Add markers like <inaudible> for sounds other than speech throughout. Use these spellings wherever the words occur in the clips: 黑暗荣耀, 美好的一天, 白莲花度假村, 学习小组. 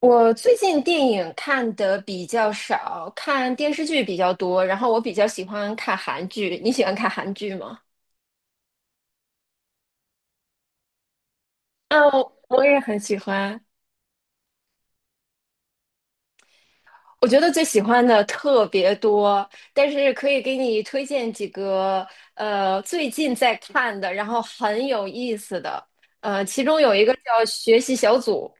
我最近电影看的比较少，看电视剧比较多，然后我比较喜欢看韩剧。你喜欢看韩剧吗？嗯，我也很喜欢。我觉得最喜欢的特别多，但是可以给你推荐几个最近在看的，然后很有意思的。其中有一个叫《学习小组》。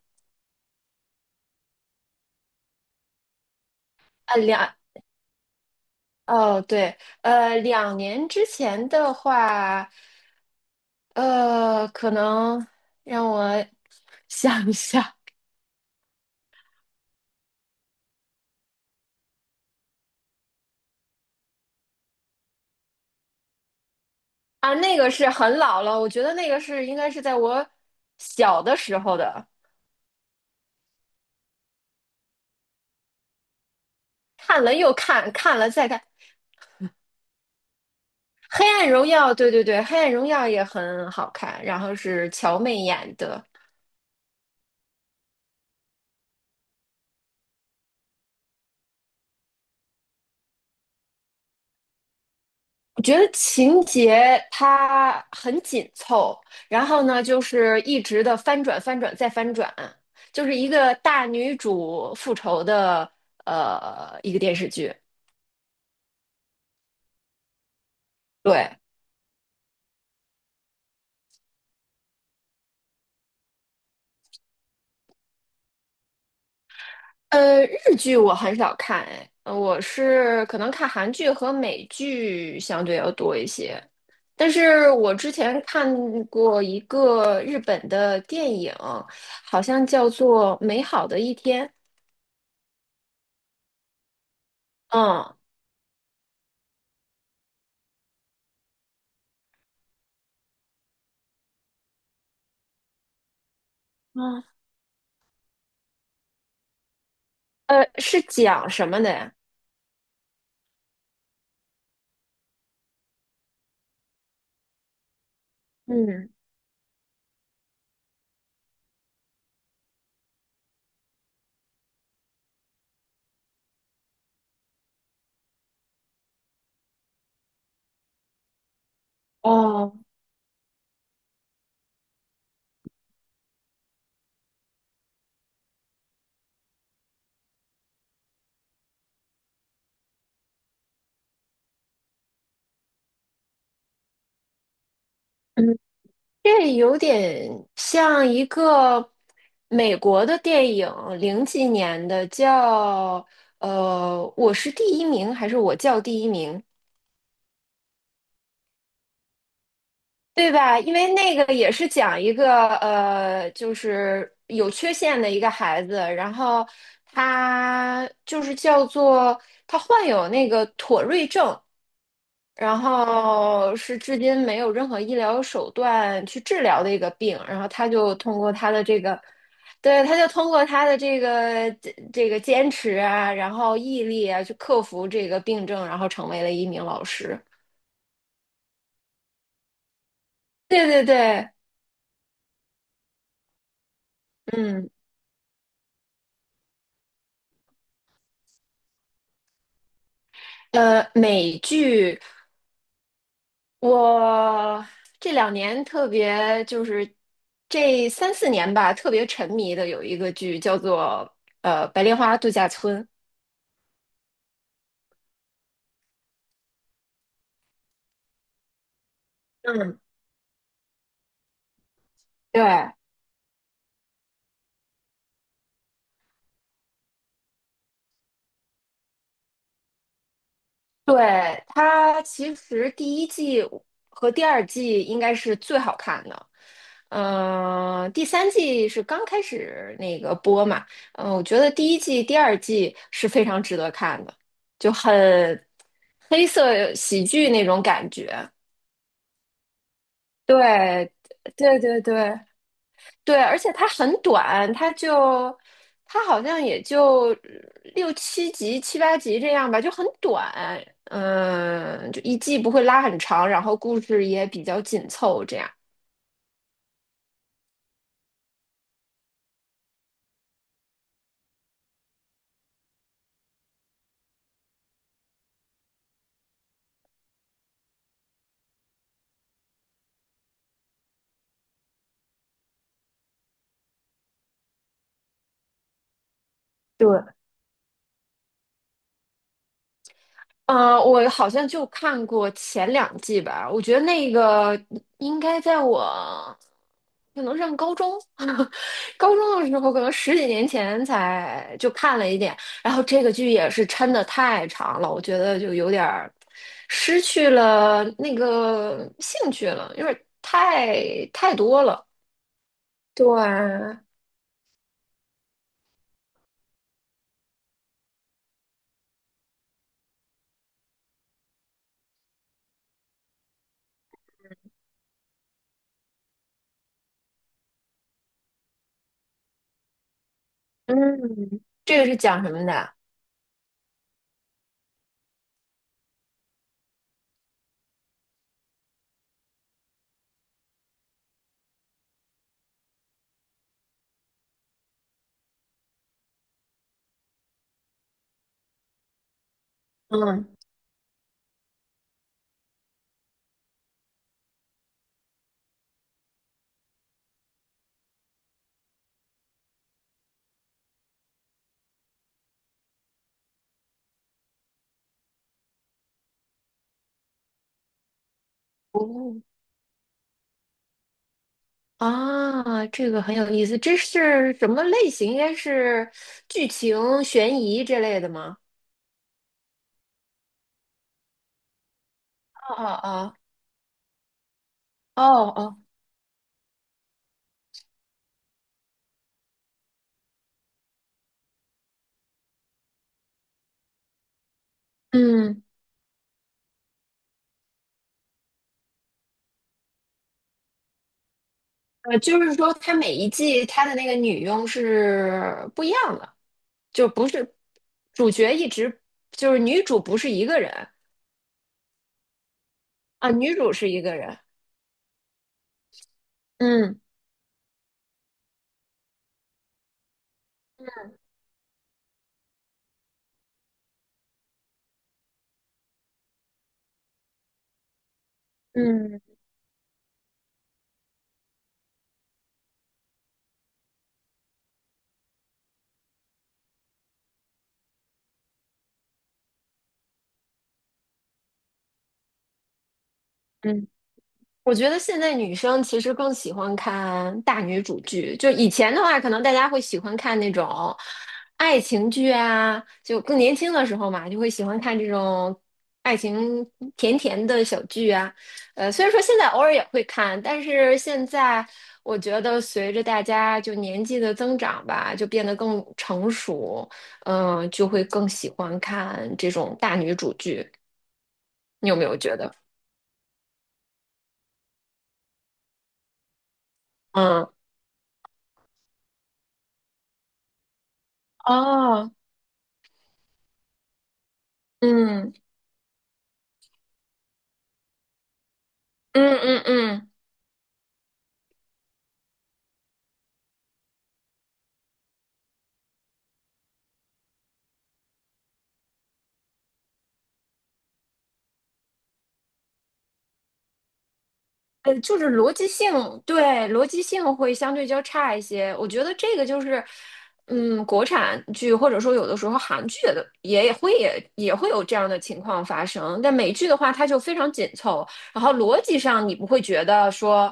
呃，两哦对，两年之前的话。呃，可能让我 <laughs> 想一下。啊，那个是很老了，我觉得那个是应该是在我小的时候的，看了又看，看了再看。《黑暗荣耀》，对对对，《黑暗荣耀》也很好看，然后是乔妹演的。我觉得情节它很紧凑，然后呢，就是一直的翻转、翻转再翻转，就是一个大女主复仇的一个电视剧。对。日剧我很少看。哎，我是可能看韩剧和美剧相对要多一些。但是我之前看过一个日本的电影，好像叫做《美好的一天》。嗯。嗯。是讲什么的呀？嗯。哦，嗯，这有点像一个美国的电影，零几年的，叫我是第一名还是我叫第一名？对吧？因为那个也是讲一个就是有缺陷的一个孩子，然后他就是叫做他患有那个妥瑞症，然后是至今没有任何医疗手段去治疗的一个病，然后他就通过他的这个。对，他就通过他的这个这个坚持啊，然后毅力啊，去克服这个病症，然后成为了一名老师。对对对，嗯。美剧我这两年特别就是这三四年吧，特别沉迷的有一个剧叫做《白莲花度假村》。嗯，对对，它其实第一季和第二季应该是最好看的。嗯，第三季是刚开始那个播嘛。嗯、我觉得第一季、第二季是非常值得看的，就很黑色喜剧那种感觉。对，对对对对，而且它很短。它就它好像也就六七集、七八集这样吧，就很短。嗯，就一季不会拉很长，然后故事也比较紧凑，这样。对。我好像就看过前两季吧，我觉得那个应该在我可能上高中，<laughs> 高中的时候，可能十几年前才就看了一点。然后这个剧也是抻的太长了，我觉得就有点儿失去了那个兴趣了，因为太多了。对，嗯，这个是讲什么的？嗯，哦。啊，这个很有意思，这是什么类型？应该是剧情、悬疑这类的吗？哦哦哦哦哦。嗯，就是说它每一季它的那个女佣是不一样的，就不是主角一直就是女主不是一个人啊，女主是一个人。嗯嗯嗯，我觉得现在女生其实更喜欢看大女主剧，就以前的话，可能大家会喜欢看那种爱情剧啊，就更年轻的时候嘛，就会喜欢看这种爱情甜甜的小剧啊。虽然说现在偶尔也会看，但是现在我觉得随着大家就年纪的增长吧，就变得更成熟。嗯、就会更喜欢看这种大女主剧。你有没有觉得？嗯，哦，嗯。嗯嗯嗯，就是逻辑性，对，逻辑性会相对较差一些。我觉得这个就是，嗯，国产剧或者说有的时候韩剧的也会也会有这样的情况发生。但美剧的话，它就非常紧凑，然后逻辑上你不会觉得说，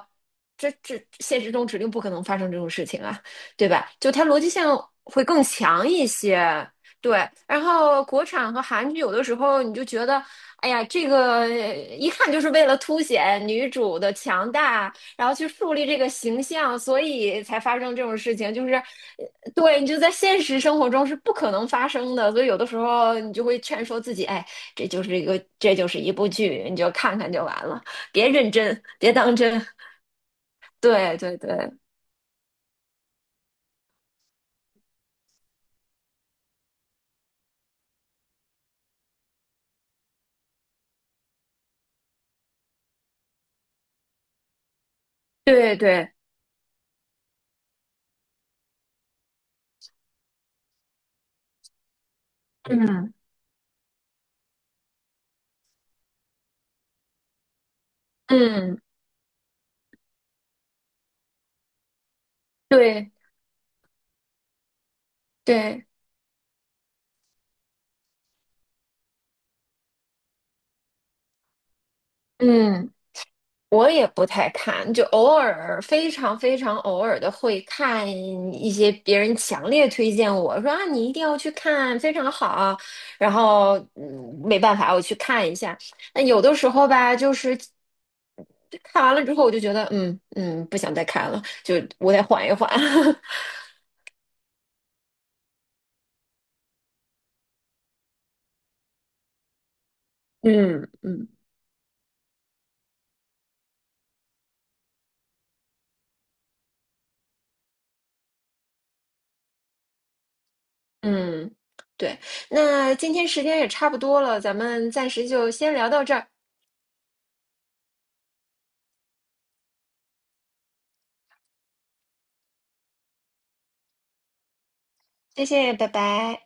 这现实中指定不可能发生这种事情啊，对吧？就它逻辑性会更强一些。对，然后国产和韩剧有的时候你就觉得，哎呀，这个一看就是为了凸显女主的强大，然后去树立这个形象，所以才发生这种事情。就是，呃对，你就在现实生活中是不可能发生的，所以有的时候你就会劝说自己，哎，这就是一个，这就是一部剧，你就看看就完了，别认真，别当真。对对对对对，嗯嗯，对对，嗯。我也不太看，就偶尔非常非常偶尔的会看一些别人强烈推荐我说啊，你一定要去看，非常好。然后嗯，没办法，我去看一下。那有的时候吧，就是看完了之后，我就觉得嗯嗯，不想再看了，就我得缓一缓。<laughs> 嗯嗯，嗯，对。那今天时间也差不多了，咱们暂时就先聊到这儿，谢谢，拜拜。